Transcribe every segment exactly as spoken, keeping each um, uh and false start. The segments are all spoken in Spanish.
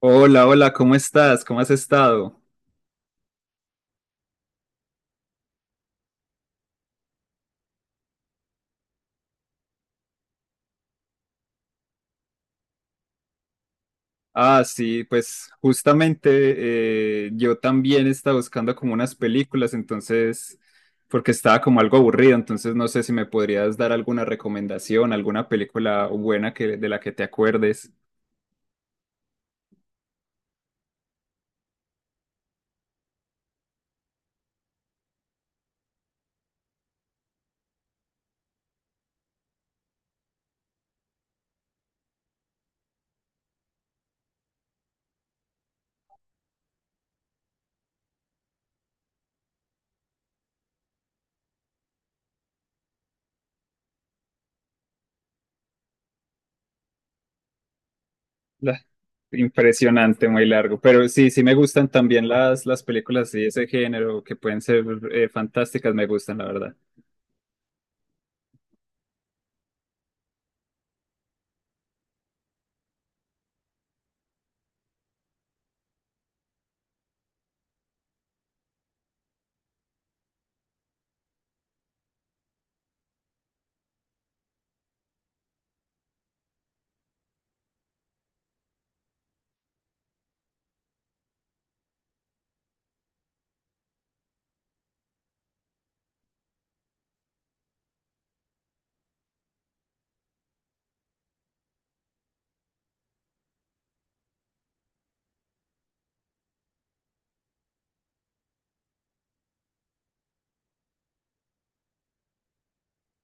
Hola, hola, ¿cómo estás? ¿Cómo has estado? Ah, sí, pues justamente eh, yo también estaba buscando como unas películas, entonces, porque estaba como algo aburrido, entonces no sé si me podrías dar alguna recomendación, alguna película buena que, de la que te acuerdes. La- Impresionante, muy largo. Pero sí, sí me gustan también las, las películas de ese género que pueden ser eh, fantásticas, me gustan, la verdad.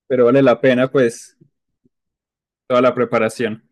Pero vale la pena, pues. Toda la preparación.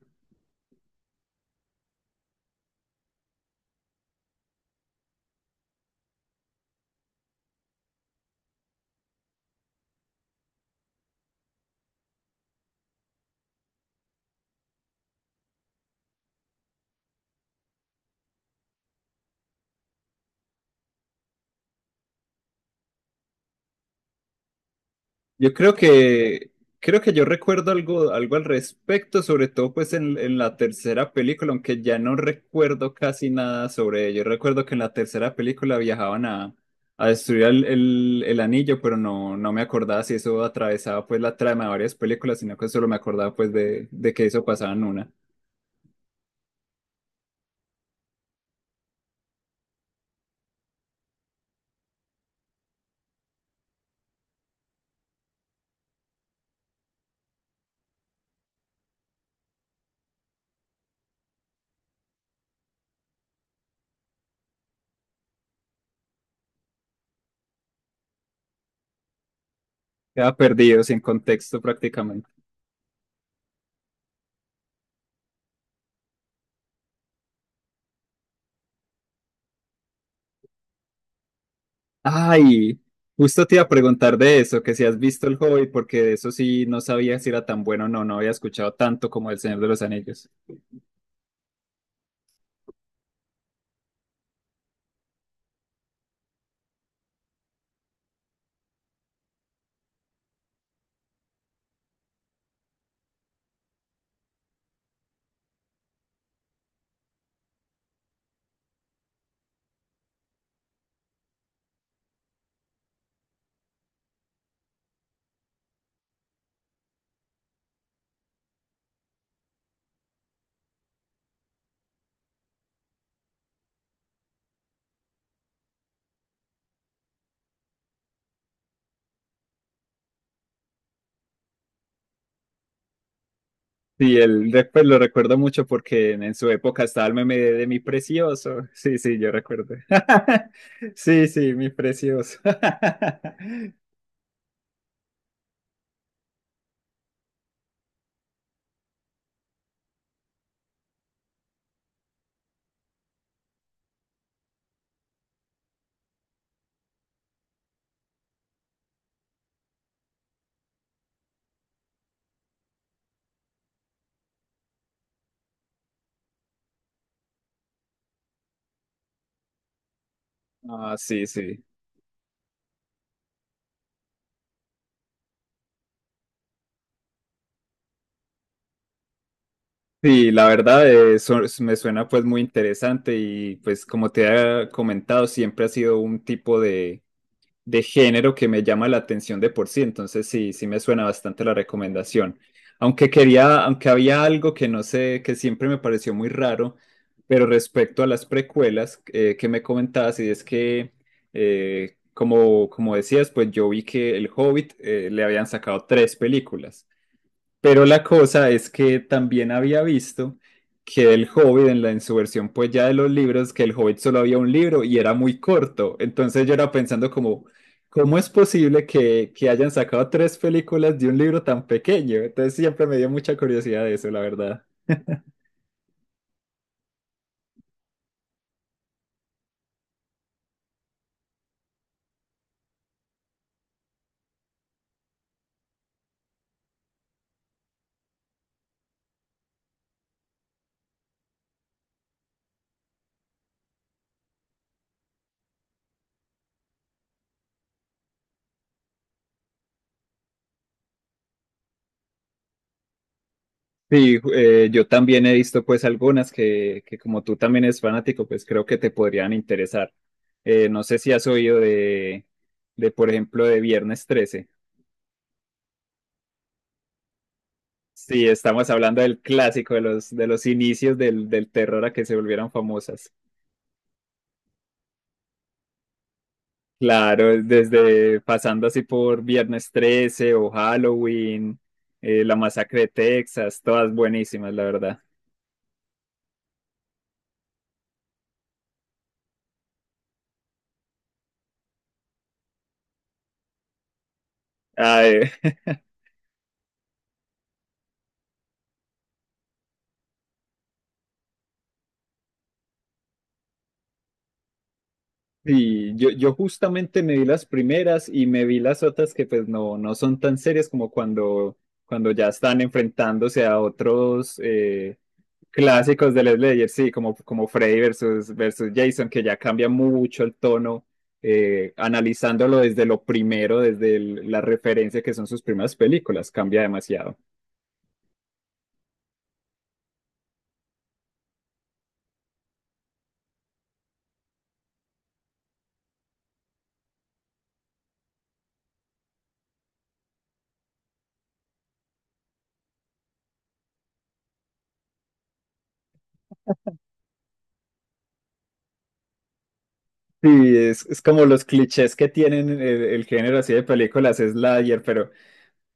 Yo creo que Creo que yo recuerdo algo, algo al respecto, sobre todo pues en, en la tercera película, aunque ya no recuerdo casi nada sobre ello. Recuerdo que en la tercera película viajaban a, a destruir el, el- el anillo, pero no, no me acordaba si eso atravesaba pues la trama de varias películas, sino que solo me acordaba pues de, de que eso pasaba en una. Quedaba perdido, sin contexto prácticamente. Ay, justo te iba a preguntar de eso, que si has visto El Hobbit, porque de eso sí no sabía si era tan bueno o no, no había escuchado tanto como El Señor de los Anillos. Sí, el, re- pues lo recuerdo mucho porque en, en su época estaba el meme de, de mi precioso. Sí, sí, yo recuerdo. Sí, sí, mi precioso. Ah, sí, sí. Sí, la verdad eh, so- me suena pues muy interesante y pues como te he comentado, siempre ha sido un tipo de de género que me llama la atención de por sí, entonces sí, sí me suena bastante la recomendación. Aunque quería, aunque había algo que no sé, que siempre me pareció muy raro, pero respecto a las precuelas eh, que me comentabas, y es que, eh, como, como decías, pues yo vi que El Hobbit eh, le habían sacado tres películas. Pero la cosa es que también había visto que el Hobbit en la en su versión pues ya de los libros, que el Hobbit solo había un libro y era muy corto. Entonces yo era pensando como, ¿cómo es posible que, que hayan sacado tres películas de un libro tan pequeño? Entonces siempre me dio mucha curiosidad de eso, la verdad. Sí, eh, yo también he visto pues algunas que, que como tú también eres fanático, pues creo que te podrían interesar. Eh, no sé si has oído de, de, por ejemplo, de Viernes trece. Sí, estamos hablando del clásico de los, de los inicios del, del terror a que se volvieran famosas. Claro, desde pasando así por Viernes trece o Halloween, eh, La Masacre de Texas, todas buenísimas, la verdad. Ay, Y yo, yo justamente me vi las primeras y me vi las otras que pues no, no son tan serias como cuando, cuando ya están enfrentándose a otros eh, clásicos del Slayer, sí, como, como Freddy versus, versus Jason, que ya cambia mucho el tono, eh, analizándolo desde lo primero, desde el- la referencia que son sus primeras películas, cambia demasiado. Sí, es, es como los clichés que tienen el, el género así de películas Slayer, pero...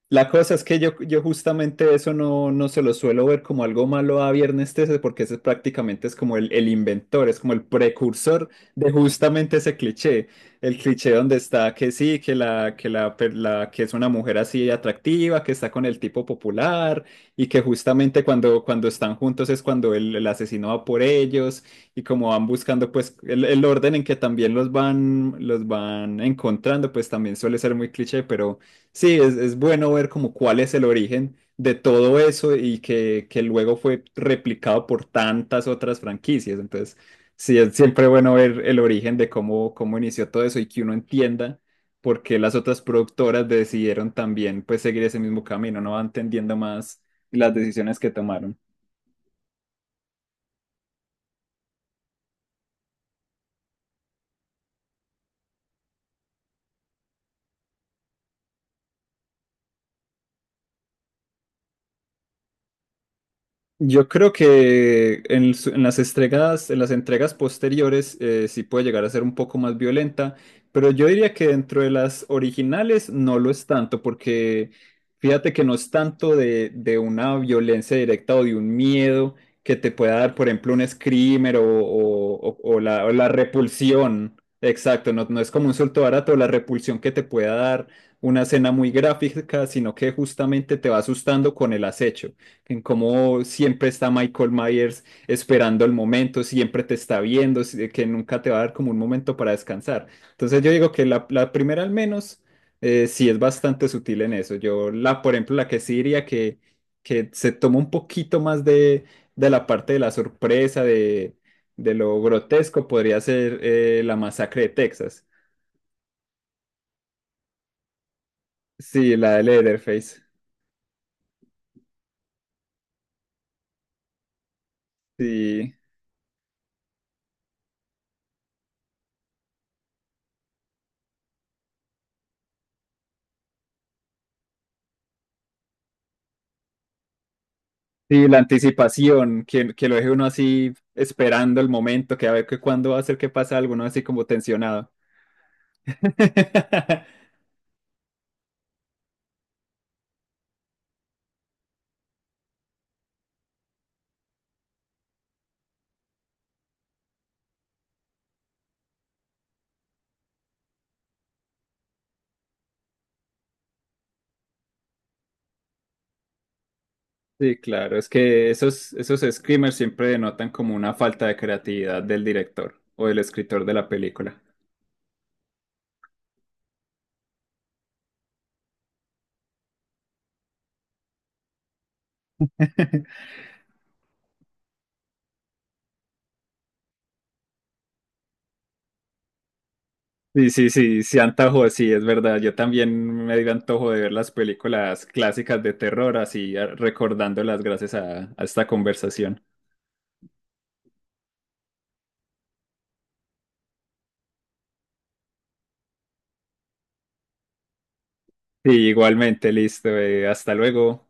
La cosa es que yo, yo justamente eso no, no se lo suelo ver como algo malo a Viernes trece porque ese prácticamente es como el, el inventor, es como el precursor de justamente ese cliché, el cliché donde está que sí, que la, que la, per- la- que es una mujer así atractiva, que está con el tipo popular y que justamente cuando, cuando están juntos es cuando el, el asesino va por ellos y como van buscando pues el, el orden en que también los van, los van encontrando pues también suele ser muy cliché, pero... Sí, es, es bueno ver como cuál es el origen de todo eso y que, que luego fue replicado por tantas otras franquicias. Entonces, sí, es siempre bueno ver el origen de cómo, cómo inició todo eso y que uno entienda por qué las otras productoras decidieron también pues seguir ese mismo camino, ¿no? Va entendiendo más las decisiones que tomaron. Yo creo que en, su- en las entregas, en las entregas posteriores eh, sí puede llegar a ser un poco más violenta, pero yo diría que dentro de las originales no lo es tanto, porque fíjate que no es tanto de, de una violencia directa o de un miedo que te pueda dar, por ejemplo, un screamer o, o- o- o la, o la repulsión. Exacto, no, no es como un suelto barato, la repulsión que te pueda dar una escena muy gráfica, sino que justamente te va asustando con el acecho en cómo siempre está Michael Myers esperando el momento, siempre te está viendo, si- que nunca te va a dar como un momento para descansar. Entonces yo digo que la, la primera al menos eh, sí es bastante sutil en eso. Yo la, por ejemplo, la que sí diría que, que se toma un poquito más de, de la parte de la sorpresa, de, de lo grotesco, podría ser eh, la masacre de Texas. Sí, la de Leatherface. Sí. Sí, la anticipación, que, que lo deje uno así esperando el momento, que a ver que cuándo va a ser que pasa algo, ¿no? Así como tensionado. Sí, claro, es que esos, esos screamers siempre denotan como una falta de creatividad del director o del escritor de la película. Sí, sí, sí, sí, antojo, sí, es verdad. Yo también me dio antojo de ver las películas clásicas de terror, así a- recordándolas gracias a, a esta conversación. Sí, igualmente, listo. Eh, hasta luego.